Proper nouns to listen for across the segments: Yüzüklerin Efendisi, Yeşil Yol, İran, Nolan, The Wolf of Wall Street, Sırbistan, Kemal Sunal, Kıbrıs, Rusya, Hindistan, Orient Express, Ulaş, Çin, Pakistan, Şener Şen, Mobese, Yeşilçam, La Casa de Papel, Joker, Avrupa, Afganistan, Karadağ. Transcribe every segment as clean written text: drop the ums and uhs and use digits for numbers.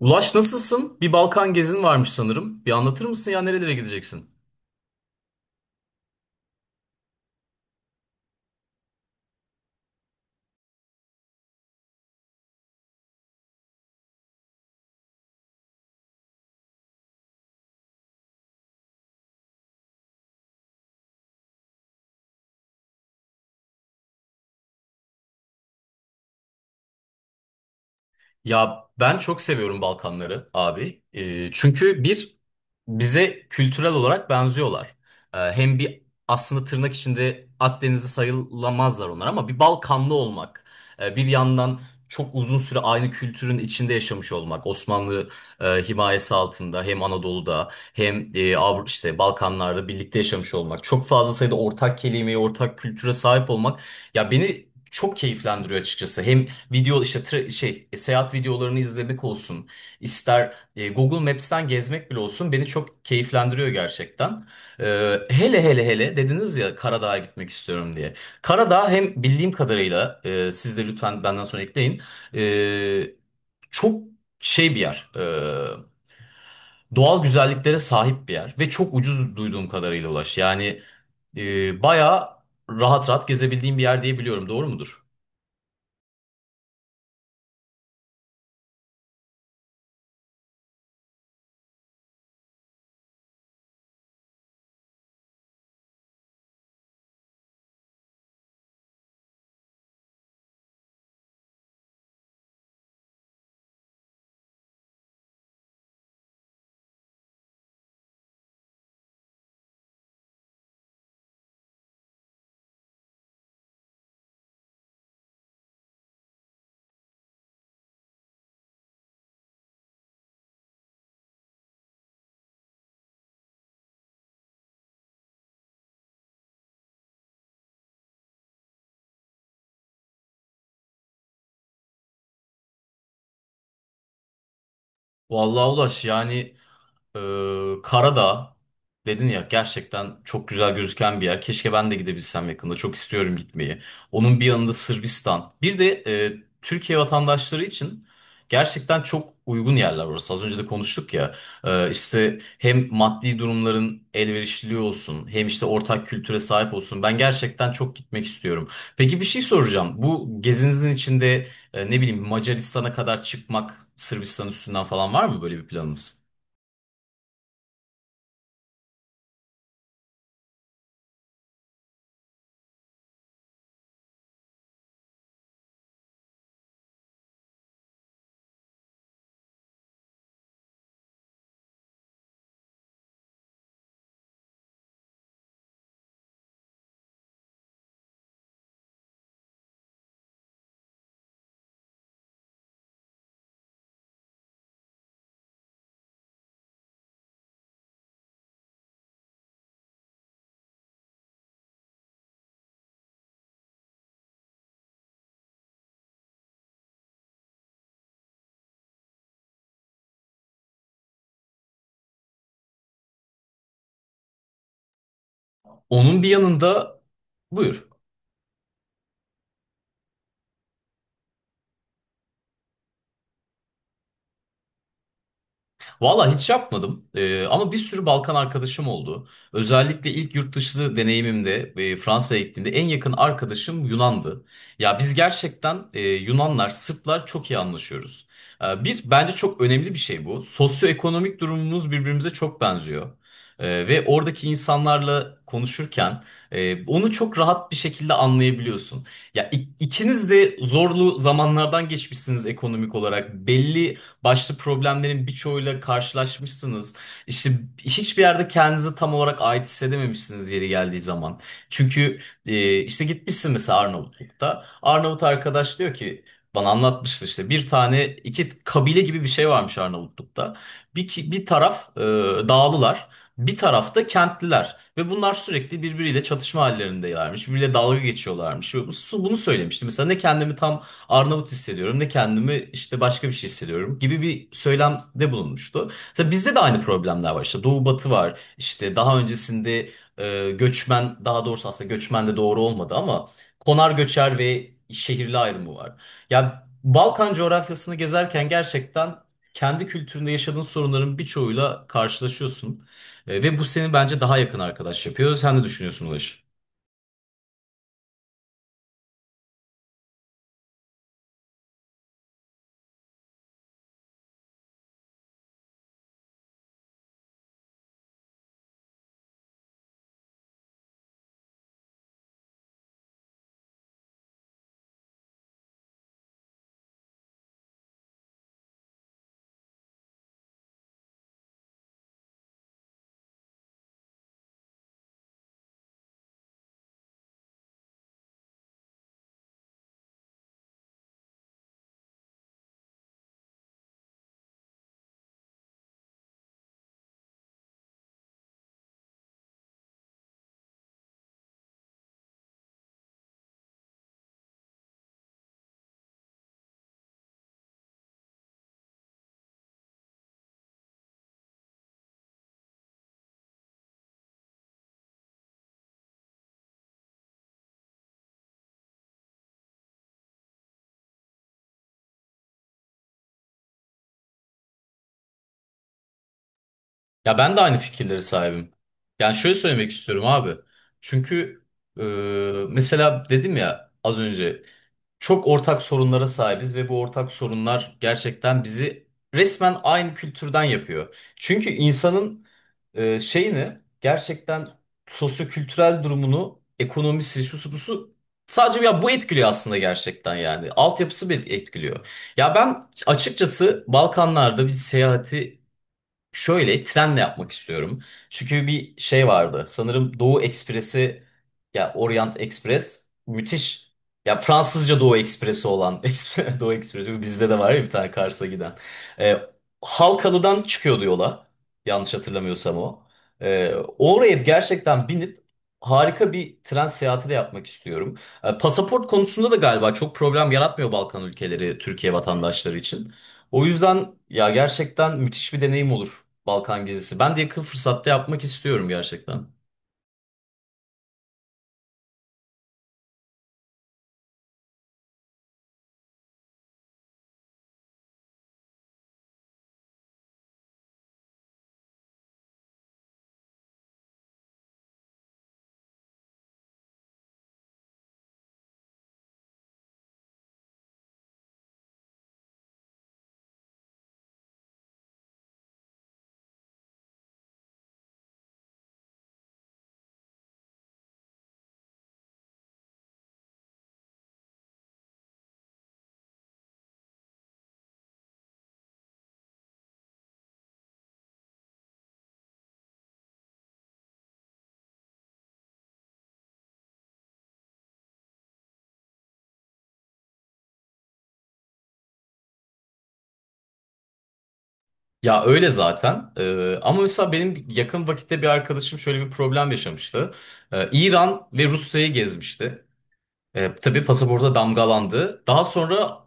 Ulaş, nasılsın? Bir Balkan gezin varmış sanırım. Bir anlatır mısın ya nerelere gideceksin? Ya ben çok seviyorum Balkanları abi. Çünkü bir bize kültürel olarak benziyorlar. Hem bir aslında tırnak içinde Akdenizli sayılamazlar onlar ama bir Balkanlı olmak, bir yandan çok uzun süre aynı kültürün içinde yaşamış olmak, Osmanlı himayesi altında hem Anadolu'da hem Avru işte Balkanlarda birlikte yaşamış olmak, çok fazla sayıda ortak kelimeye, ortak kültüre sahip olmak ya beni çok keyiflendiriyor açıkçası. Hem video işte seyahat videolarını izlemek olsun, ister Google Maps'ten gezmek bile olsun beni çok keyiflendiriyor gerçekten. E, hele hele hele dediniz ya Karadağ'a gitmek istiyorum diye. Karadağ hem bildiğim kadarıyla siz de lütfen benden sonra ekleyin. e, Çok şey bir yer. Doğal güzelliklere sahip bir yer ve çok ucuz duyduğum kadarıyla, Ulaş. Yani bayağı rahat rahat gezebildiğim bir yer diye biliyorum. Doğru mudur? Vallahi Ulaş, yani Karadağ dedin ya, gerçekten çok güzel gözüken bir yer. Keşke ben de gidebilsem yakında. Çok istiyorum gitmeyi. Onun bir yanında Sırbistan. Bir de Türkiye vatandaşları için gerçekten çok uygun yerler orası. Az önce de konuştuk ya. İşte hem maddi durumların elverişliliği olsun, hem işte ortak kültüre sahip olsun. Ben gerçekten çok gitmek istiyorum. Peki bir şey soracağım. Bu gezinizin içinde ne bileyim Macaristan'a kadar çıkmak, Sırbistan üstünden falan var mı böyle bir planınız? Onun bir yanında buyur. Valla hiç yapmadım. Ama bir sürü Balkan arkadaşım oldu. Özellikle ilk yurt dışı deneyimimde Fransa'ya gittiğimde en yakın arkadaşım Yunan'dı. Ya biz gerçekten Yunanlar, Sırplar çok iyi anlaşıyoruz. Bir bence çok önemli bir şey bu. Sosyoekonomik durumumuz birbirimize çok benziyor. Ve oradaki insanlarla konuşurken onu çok rahat bir şekilde anlayabiliyorsun. Ya ikiniz de zorlu zamanlardan geçmişsiniz ekonomik olarak. Belli başlı problemlerin birçoğuyla karşılaşmışsınız. İşte hiçbir yerde kendinizi tam olarak ait hissedememişsiniz yeri geldiği zaman. Çünkü işte gitmişsin mesela Arnavutluk'ta. Arnavut arkadaş diyor ki, bana anlatmıştı, işte bir tane iki kabile gibi bir şey varmış Arnavutluk'ta. Bir taraf dağlılar, bir tarafta kentliler. Ve bunlar sürekli birbiriyle çatışma hallerindeylermiş. Birbiriyle dalga geçiyorlarmış. Ve bunu söylemişti. Mesela ne kendimi tam Arnavut hissediyorum ne kendimi işte başka bir şey hissediyorum gibi bir söylemde bulunmuştu. Mesela bizde de aynı problemler var. İşte Doğu Batı var. İşte daha öncesinde göçmen, daha doğrusu aslında göçmen de doğru olmadı ama konar göçer ve şehirli ayrımı var. Ya Balkan coğrafyasını gezerken gerçekten kendi kültüründe yaşadığın sorunların birçoğuyla karşılaşıyorsun. Ve bu seni bence daha yakın arkadaş yapıyor. Sen ne düşünüyorsun Ulaş? Ya ben de aynı fikirleri sahibim. Yani şöyle söylemek istiyorum abi. Çünkü e, mesela dedim ya az önce çok ortak sorunlara sahibiz ve bu ortak sorunlar gerçekten bizi resmen aynı kültürden yapıyor. Çünkü insanın e, şeyini gerçekten sosyokültürel durumunu, ekonomisi, şusu busu sadece ya bu etkiliyor aslında gerçekten yani. Altyapısı bir etkiliyor. Ya ben açıkçası Balkanlarda bir seyahati şöyle trenle yapmak istiyorum. Çünkü bir şey vardı. Sanırım Doğu Ekspresi ya Orient Express müthiş. Ya Fransızca Doğu Ekspresi olan Doğu Ekspresi bizde de var ya, bir tane Kars'a giden. Ee, Halkalı'dan çıkıyordu yola. Yanlış hatırlamıyorsam o. Oraya gerçekten binip harika bir tren seyahati de yapmak istiyorum. Pasaport konusunda da galiba çok problem yaratmıyor Balkan ülkeleri Türkiye vatandaşları için. O yüzden ya gerçekten müthiş bir deneyim olur Balkan gezisi. Ben de yakın fırsatta yapmak istiyorum gerçekten. Ya öyle zaten. Ama mesela benim yakın vakitte bir arkadaşım şöyle bir problem yaşamıştı. İran ve Rusya'yı gezmişti. Tabii pasaporta damgalandı. Daha sonra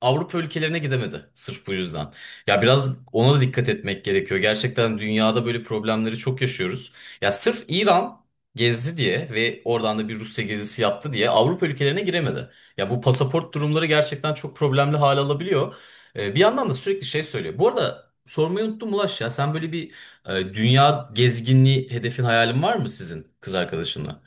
Avrupa ülkelerine gidemedi sırf bu yüzden. Ya biraz ona da dikkat etmek gerekiyor. Gerçekten dünyada böyle problemleri çok yaşıyoruz. Ya sırf İran gezdi diye ve oradan da bir Rusya gezisi yaptı diye Avrupa ülkelerine giremedi. Ya bu pasaport durumları gerçekten çok problemli hale alabiliyor. Bir yandan da sürekli şey söylüyor. Bu arada sormayı unuttum, Ulaş, ya sen böyle bir dünya gezginliği hedefin, hayalin var mı sizin kız arkadaşınla?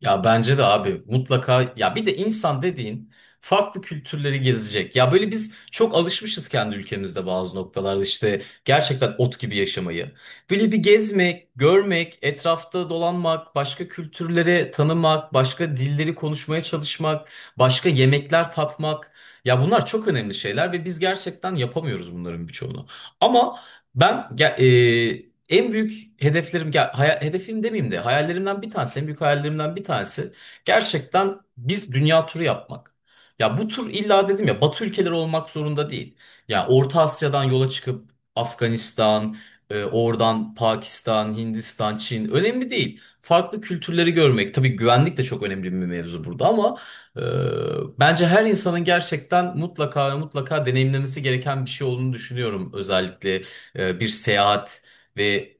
Ya bence de abi mutlaka ya bir de insan dediğin farklı kültürleri gezecek. Ya böyle biz çok alışmışız kendi ülkemizde bazı noktalarda işte gerçekten ot gibi yaşamayı. Böyle bir gezmek, görmek, etrafta dolanmak, başka kültürleri tanımak, başka dilleri konuşmaya çalışmak, başka yemekler tatmak. Ya bunlar çok önemli şeyler ve biz gerçekten yapamıyoruz bunların birçoğunu. Ama ben ge- e, en büyük hedeflerim, ya hedefim demeyeyim de hayallerimden bir tanesi, en büyük hayallerimden bir tanesi gerçekten bir dünya turu yapmak. Ya bu tur illa dedim ya Batı ülkeleri olmak zorunda değil. Ya Orta Asya'dan yola çıkıp Afganistan, oradan Pakistan, Hindistan, Çin, önemli değil. Farklı kültürleri görmek, tabii güvenlik de çok önemli bir mevzu burada, ama e, bence her insanın gerçekten mutlaka ve mutlaka deneyimlemesi gereken bir şey olduğunu düşünüyorum. Özellikle bir seyahat. Ve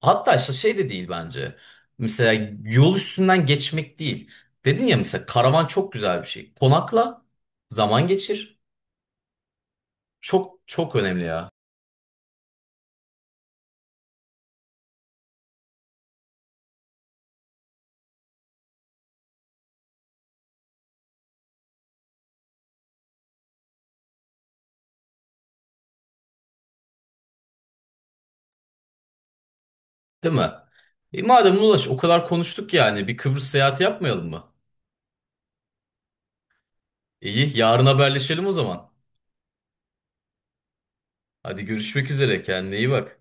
hatta işte şey de değil bence. Mesela yol üstünden geçmek değil. Dedin ya mesela karavan çok güzel bir şey. Konakla, zaman geçir. Çok çok önemli ya. Değil mi? E madem Ulaş o kadar konuştuk, yani bir Kıbrıs seyahati yapmayalım mı? İyi, yarın haberleşelim o zaman. Hadi, görüşmek üzere, kendine iyi bak.